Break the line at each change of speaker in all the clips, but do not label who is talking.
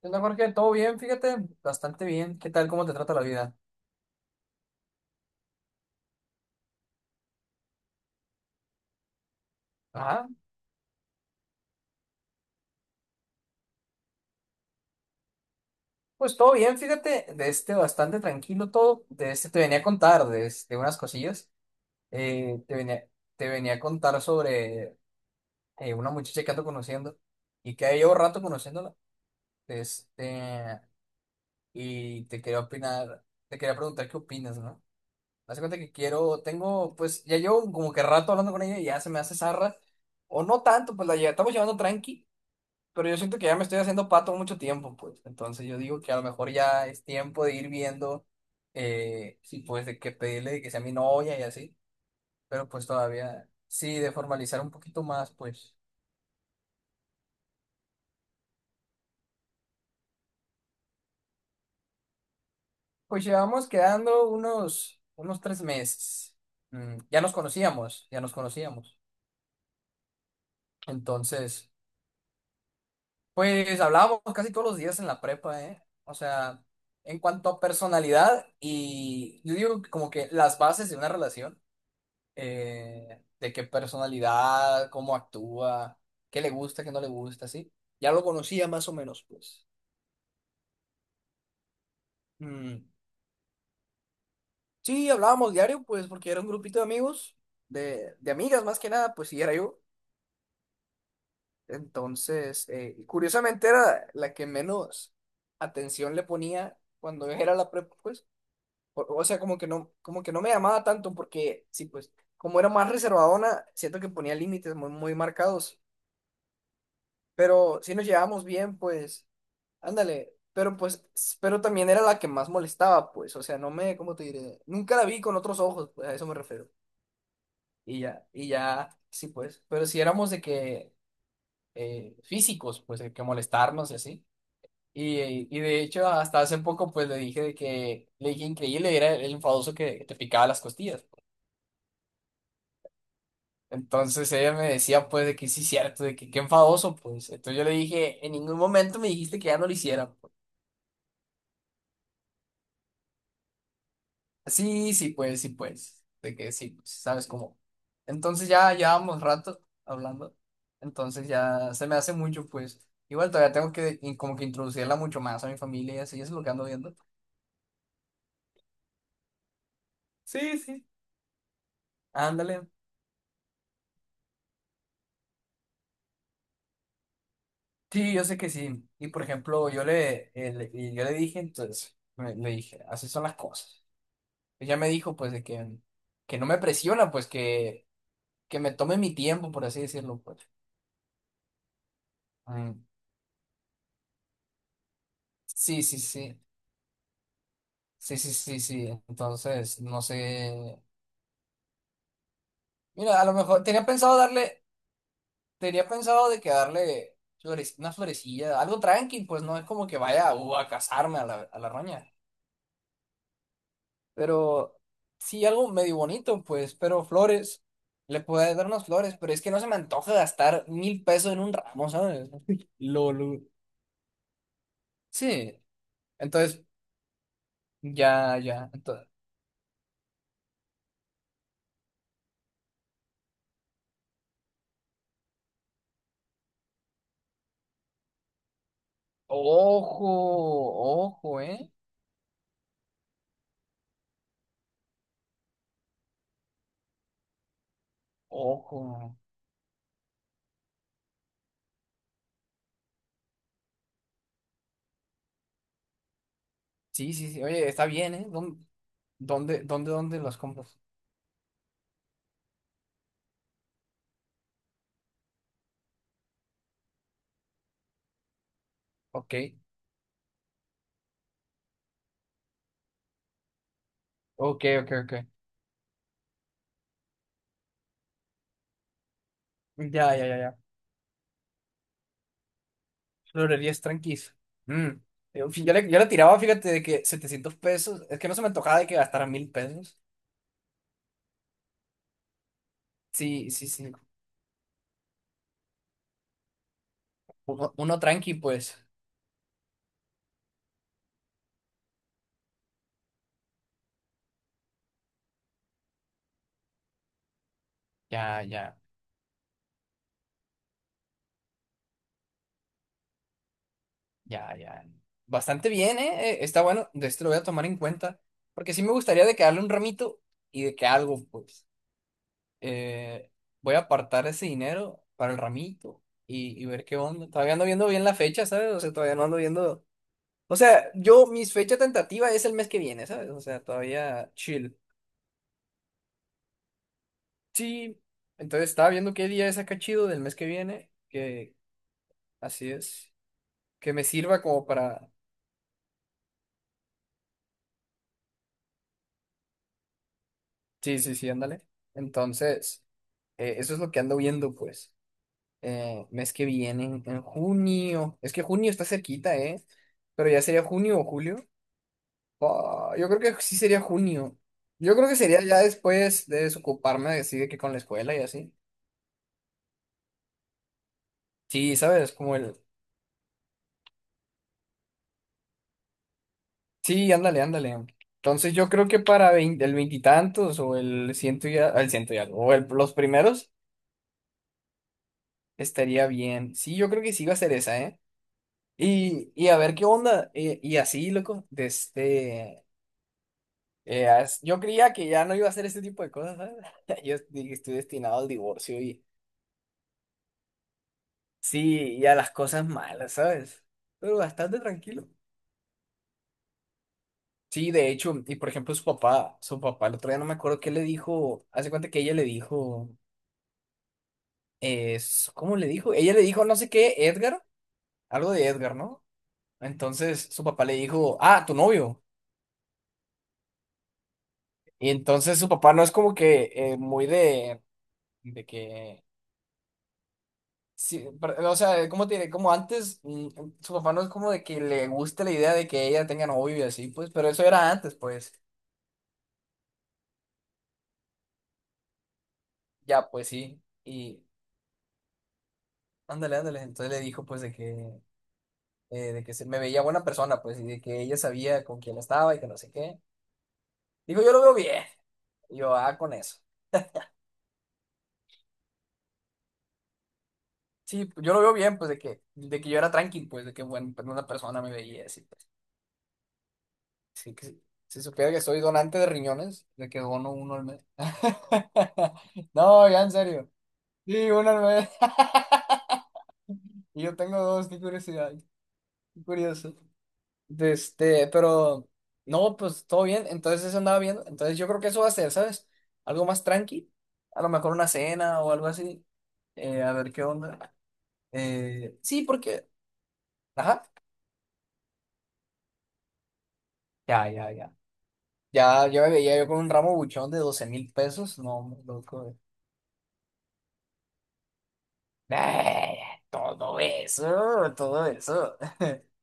¿Qué onda, Jorge? ¿Todo bien? Fíjate, bastante bien. ¿Qué tal? ¿Cómo te trata la vida? Ajá, pues todo bien, fíjate, de este bastante tranquilo todo. De este Te venía a contar de, unas cosillas. Eh, te venía, te venía a contar sobre una muchacha que ando conociendo y que llevo rato conociéndola. de Este, y te quería opinar, te quería preguntar qué opinas, ¿no? Haz de cuenta que quiero, tengo, pues ya llevo como que rato hablando con ella y ya se me hace zarra. O no tanto, pues estamos llevando tranqui. Pero yo siento que ya me estoy haciendo pato mucho tiempo, pues. Entonces yo digo que a lo mejor ya es tiempo de ir viendo si pues de qué pedirle de que sea mi novia y así. Pero pues todavía sí, de formalizar un poquito más, pues. Pues llevamos quedando unos 3 meses. Ya nos conocíamos, ya nos conocíamos. Entonces, pues hablábamos casi todos los días en la prepa, ¿eh? O sea, en cuanto a personalidad y yo digo que como que las bases de una relación de qué personalidad, cómo actúa, qué le gusta, qué no le gusta, ¿sí? Ya lo conocía más o menos, pues. Mm. Sí, hablábamos diario, pues, porque era un grupito de amigos, de amigas más que nada, pues sí, era yo. Entonces, y curiosamente era la que menos atención le ponía cuando era la prepa, pues. O sea, como que no me llamaba tanto, porque sí, pues, como era más reservadona, siento que ponía límites muy, muy marcados. Pero sí nos llevábamos bien, pues, ándale, pero pues, pero también era la que más molestaba, pues, o sea, no me, ¿cómo te diré? Nunca la vi con otros ojos, pues, a eso me refiero. Y ya, sí, pues, pero si éramos de que físicos, pues, de que molestarnos y así. Y de hecho, hasta hace poco, pues, le dije de que, le dije increíble, era el enfadoso que te picaba las costillas. Entonces ella me decía, pues, de que sí, cierto, de que qué enfadoso, pues. Entonces yo le dije, en ningún momento me dijiste que ya no lo hiciera. Sí, sí, pues, sí, pues. De que sí, pues, ¿sabes cómo? Entonces ya llevamos rato hablando. Entonces ya se me hace mucho, pues. Igual todavía tengo que como que introducirla mucho más a mi familia y así, eso es lo que ando viendo. Sí, sí. Ándale. Sí, yo sé que sí. Y por ejemplo, y yo le dije, entonces, le dije, así son las cosas. Ella me dijo, pues, de que no me presiona, pues, que me tome mi tiempo, por así decirlo, pues. Mm. Sí, sí, sí. Sí, sí, sí, sí. Entonces, no sé. Mira, a lo mejor tenía pensado darle, tenía pensado de que darle flores, una florecilla, algo tranqui, pues no es como que vaya a casarme a la roña. Pero sí, algo medio bonito, pues, pero flores. Le puedo dar unas flores, pero es que no se me antoja gastar 1,000 pesos en un ramo, ¿sabes? Lolo. Sí, entonces, ya, ya. Entonces, ojo, ojo, ¿eh? Ojo. Sí, sí, sí. Oye, está bien, ¿eh? No. ¿Dónde, dónde, dónde las compras? Ok, ok, ok, ok. Ya, ya, ya, ya. Florerías tranquis. Mm. Yo le tiraba, fíjate, de que 700 pesos. Es que no se me antojaba de que gastara 1,000 pesos. Sí, sí, sí. Uno, uno tranqui, pues. Ya, ya, ya, ya. Bastante bien, ¿eh? Está bueno. De este Lo voy a tomar en cuenta. Porque sí me gustaría de que darle un ramito y de que algo, pues. eh, Voy a apartar ese dinero para el ramito y ver qué onda. Todavía ando viendo bien la fecha, ¿sabes? O sea, todavía no ando viendo. O sea, yo, mis fecha tentativa es el mes que viene, ¿sabes? O sea, todavía chill. Sí, entonces estaba viendo qué día es acá chido del mes que viene, que así es, que me sirva como para... Sí, sí, sí, ándale. Entonces, eso es lo que ando viendo, pues. Mes que viene, en junio. Es que junio está cerquita, ¿eh? Pero ya sería junio o julio. Ah, yo creo que sí sería junio. Yo creo que sería ya después de desocuparme de así de que con la escuela y así. Sí, ¿sabes? Como el... Sí, ándale, ándale. Entonces yo creo que para el veintitantos o el ciento y algo, o los primeros estaría bien. Sí, yo creo que sí va a ser esa, ¿eh? Y a ver qué onda. Y, así, loco, yo creía que ya no iba a hacer este tipo de cosas, ¿sabes? Yo dije, estoy destinado al divorcio y sí, y a las cosas malas, ¿sabes? Pero bastante tranquilo. Sí, de hecho, y por ejemplo su papá, el otro día no me acuerdo qué le dijo, hace cuenta que ella le dijo, es, ¿cómo le dijo? Ella le dijo no sé qué, Edgar, algo de Edgar, ¿no? Entonces su papá le dijo, ah, tu novio. Y entonces su papá no es como que muy de que, sí, pero, o sea, ¿cómo tiene? Como antes, su papá no es como de que le guste la idea de que ella tenga novio y así, pues, pero eso era antes, pues. Ya, pues sí. Y ándale, ándale. Entonces le dijo pues de que se me veía buena persona, pues, y de que ella sabía con quién estaba y que no sé qué. Dijo, yo lo veo bien. Y yo, ah, con eso. Sí, pues, yo lo veo bien, pues, de que yo era tranqui, pues, de que buena una persona me veía así, pues. Sí, que, si supiera que soy donante de riñones, de que dono uno al mes. No, ya en serio. Sí, uno al mes. Y yo tengo dos, qué curiosidad, qué curioso. Pero no, pues todo bien. Entonces eso andaba viendo. Entonces yo creo que eso va a ser, ¿sabes? Algo más tranqui. A lo mejor una cena o algo así. A ver qué onda. Sí, porque. Ajá. Ya, ya, ya. Ya, yo me veía yo con un ramo buchón de 12,000 pesos. No, hombre, loco. Eh, Todo eso, todo eso.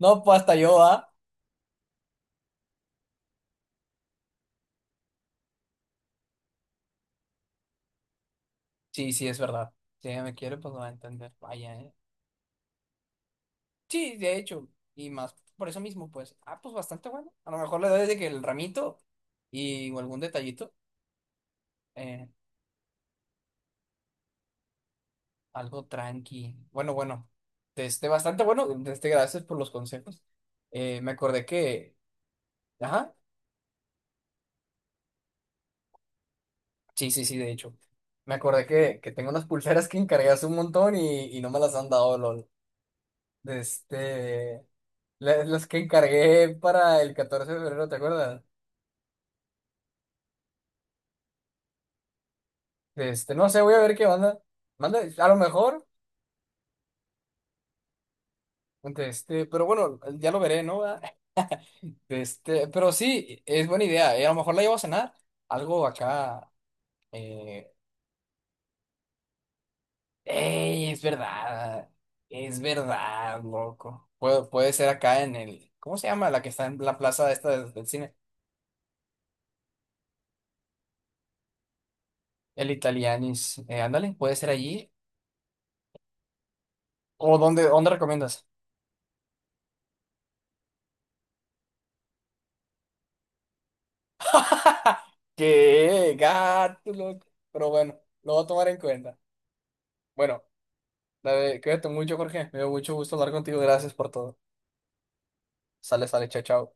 No, pues hasta yo, ¿ah? Sí, sí, es verdad. Si ella me quiere, pues lo va a entender. Vaya, ¿eh? Sí, de hecho, y más por eso mismo, pues, ah, pues bastante bueno. A lo mejor le doy de que el ramito y o algún detallito, eh, algo tranqui. Bueno, bueno, bastante bueno. Gracias por los consejos. Me acordé que, ajá, sí, sí, sí, de hecho, me acordé que, tengo unas pulseras que encargué hace un montón y no me las han dado, lol. De Este, las que encargué para el 14 de febrero, ¿te acuerdas? No sé, voy a ver qué onda. Manda, a lo mejor. Pero bueno, ya lo veré, ¿no? ¿Verdad? Pero sí, es buena idea. A lo mejor la llevo a cenar. Algo acá. Eh, ¡Ey! Es verdad. Es verdad, loco. Puede ser acá en el. ¿Cómo se llama? La que está en la plaza esta del cine. El Italianis. Ándale, puede ser allí. ¿O dónde, dónde recomiendas? ¡Qué gato, loco! Pero bueno, lo voy a tomar en cuenta. Bueno, cuídate mucho, Jorge. Me dio mucho gusto hablar contigo. Gracias por todo. Sale, sale, chao, chao.